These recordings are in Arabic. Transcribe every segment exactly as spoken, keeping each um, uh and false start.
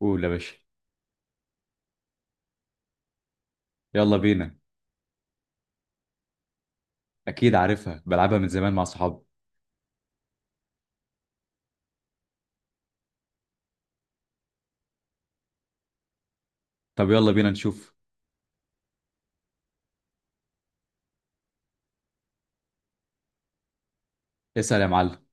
قول يا باشا. يلا بينا. اكيد عارفها، بلعبها من زمان مع صحابي. طب يلا بينا نشوف. اسأل يا معلم.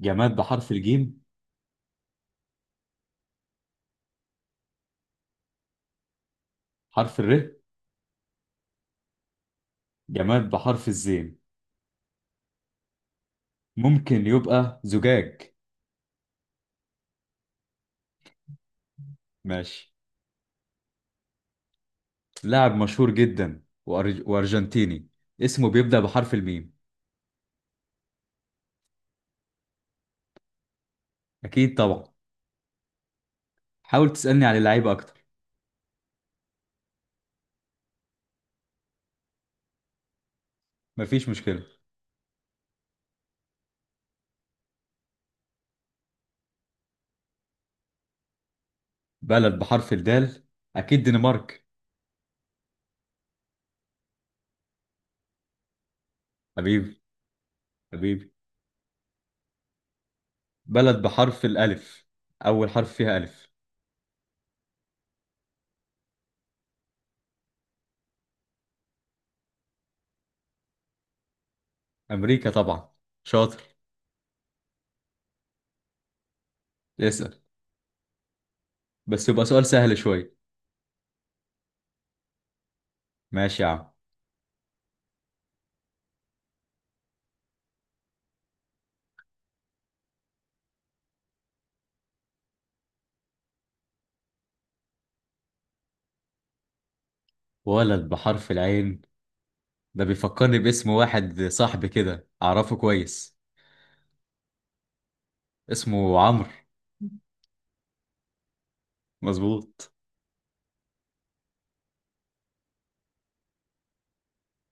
جماد بحرف الجيم. حرف الر. جماد بحرف الزين. ممكن يبقى زجاج. ماشي. لاعب مشهور جدا وأر- وارجنتيني، اسمه بيبدأ بحرف الميم. اكيد طبعا. حاول تسألني على اللعيبة اكتر. مفيش مشكلة. بلد بحرف الدال، اكيد دنمارك. حبيبي، حبيبي، بلد بحرف الالف، اول حرف فيها الف. امريكا طبعا، شاطر. اسأل، بس يبقى سؤال سهل شوية. ماشي يا عم. ولد بحرف العين، ده بيفكرني باسم واحد صاحبي كده أعرفه كويس. اسمه عمرو. مظبوط.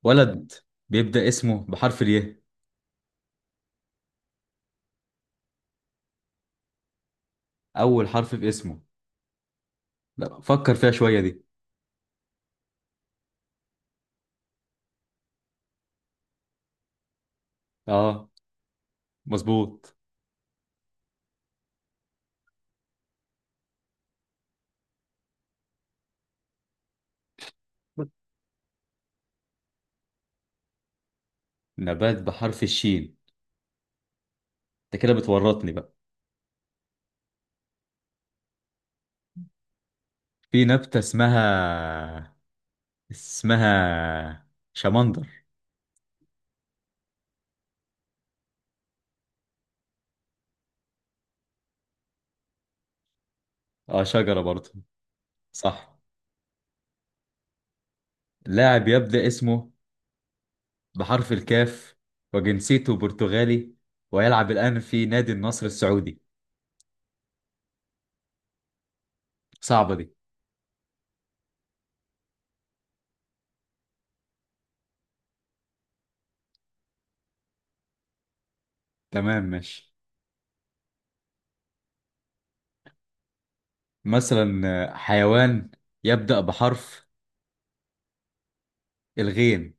ولد بيبدأ اسمه بحرف الياء، أول حرف في اسمه. لا فكر فيها شوية دي. آه، مظبوط. نبات بحرف الشين؟ أنت كده بتورطني بقى. في نبتة اسمها، اسمها شمندر. آه، شجرة برضه. صح. لاعب يبدأ اسمه بحرف الكاف، وجنسيته برتغالي، ويلعب الآن في نادي النصر السعودي. صعبة دي. تمام، ماشي. مثلا آه، حيوان يبدأ بحرف الغين،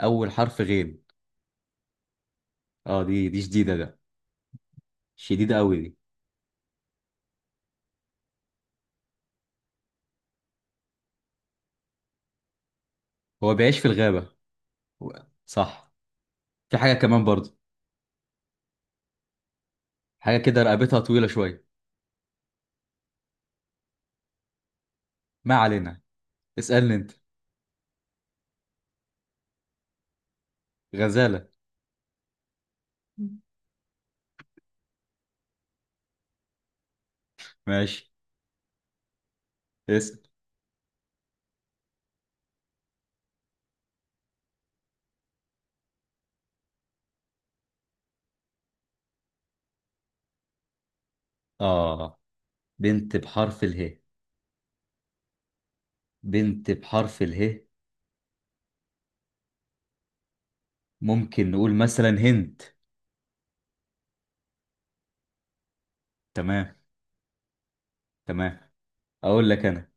أول حرف غين. اه، دي دي شديدة ده، شديدة قوي دي. هو بيعيش في الغابة و- صح. في حاجة كمان برضه، حاجة كده رقبتها طويلة شوية. ما علينا، اسألني انت. غزالة. ماشي. اسأل. اه، بنت بحرف اله، بنت بحرف اله. ممكن نقول مثلا هند. تمام، تمام. اقول لك انا،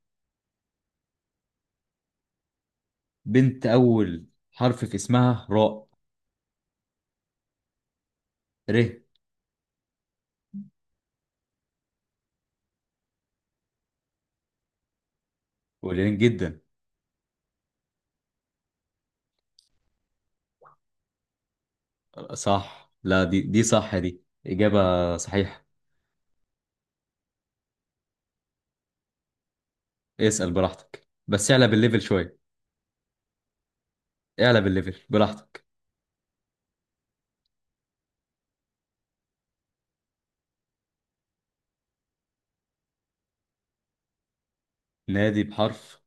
بنت اول حرف في اسمها راء، ر. قليلين جدا. صح، لا دي دي صح، دي اجابه صحيحه. اسال براحتك بس اعلى بالليفل شويه. اعلى بالليفل براحتك. نادي بحرف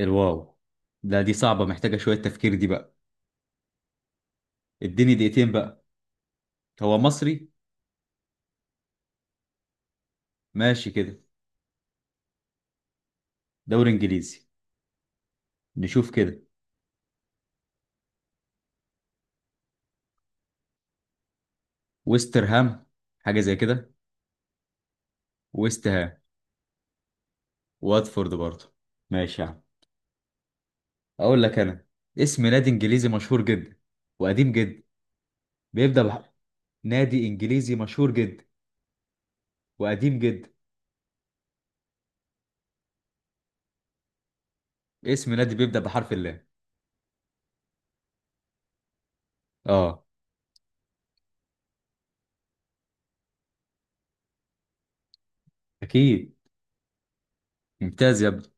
الواو. لا دي صعبه، محتاجه شويه تفكير دي بقى. اديني دقيقتين بقى. هو مصري. ماشي كده. دوري انجليزي. نشوف كده. ويسترهام، حاجه زي كده. ويست هام، واتفورد برضه. ماشي يا عم. اقول لك انا اسم نادي انجليزي مشهور جدا، وقديم جدا، بيبدا بح... نادي انجليزي مشهور جدا وقديم جدا، اسم نادي بيبدا بحرف اللام. اه، اكيد. ممتاز يا ابني.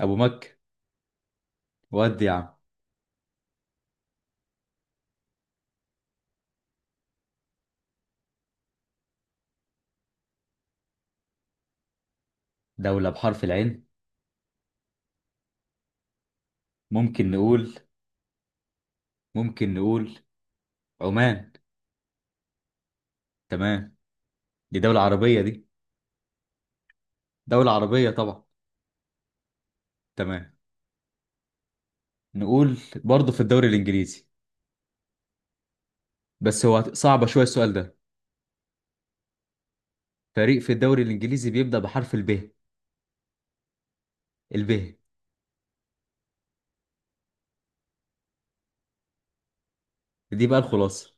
ابو مكة. ودي يا عم. دولة بحرف العين. ممكن نقول، ممكن نقول عمان. تمام. دي دولة عربية دي، دولة عربية طبعا. تمام. نقول برضه في الدوري الانجليزي، بس هو صعب شوية السؤال ده. فريق في الدوري الانجليزي بيبدا بحرف الب. الب. دي بقى الخلاصة.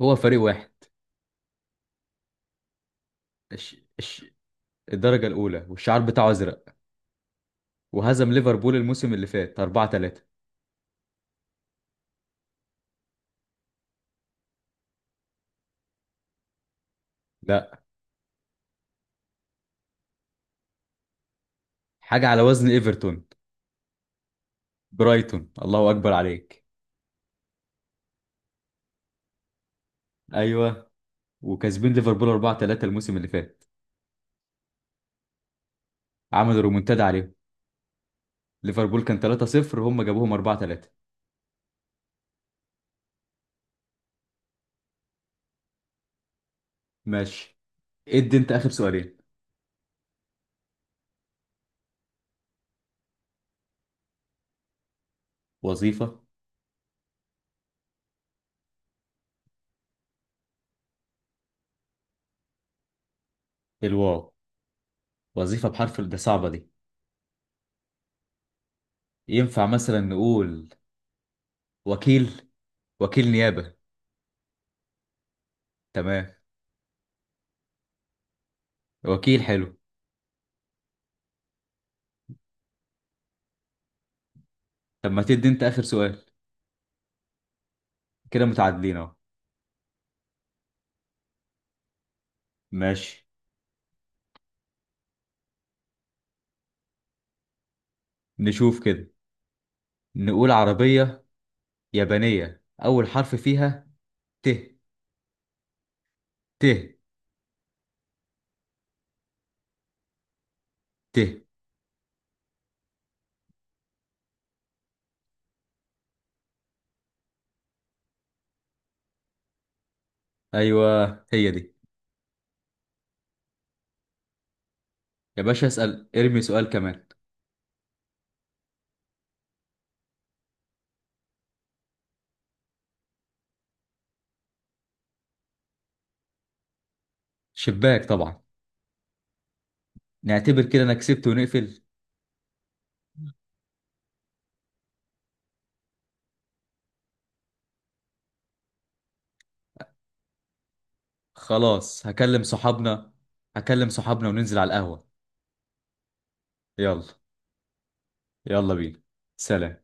هو فريق واحد. الش... الش... الدرجة الأولى والشعار بتاعه أزرق، وهزم ليفربول الموسم اللي فات أربعة ثلاثة. لا. حاجة على وزن إيفرتون. برايتون، الله أكبر عليك. أيوه، وكاسبين ليفربول أربعة ثلاثة الموسم اللي فات. عملوا رومونتادا عليهم. ليفربول كان ثلاثة صفر، هم جابوهم أربعة ثلاثة. ماشي. ادي أنت آخر سؤالين. وظيفة. الواو. وظيفة بحرف ال- ده صعبة دي. ينفع مثلا نقول وكيل، وكيل نيابة. تمام. وكيل حلو. طب ما تدي أنت آخر سؤال. كده متعادلين اهو. ماشي. نشوف كده. نقول عربية يابانية أول حرف فيها ت. ت. ت. أيوة، هي دي. يا باشا اسأل، ارمي سؤال كمان. شباك طبعا. نعتبر كده أنا كسبت ونقفل. خلاص هكلم صحابنا. هكلم صحابنا وننزل على القهوة. يلا. يلا بينا. سلام.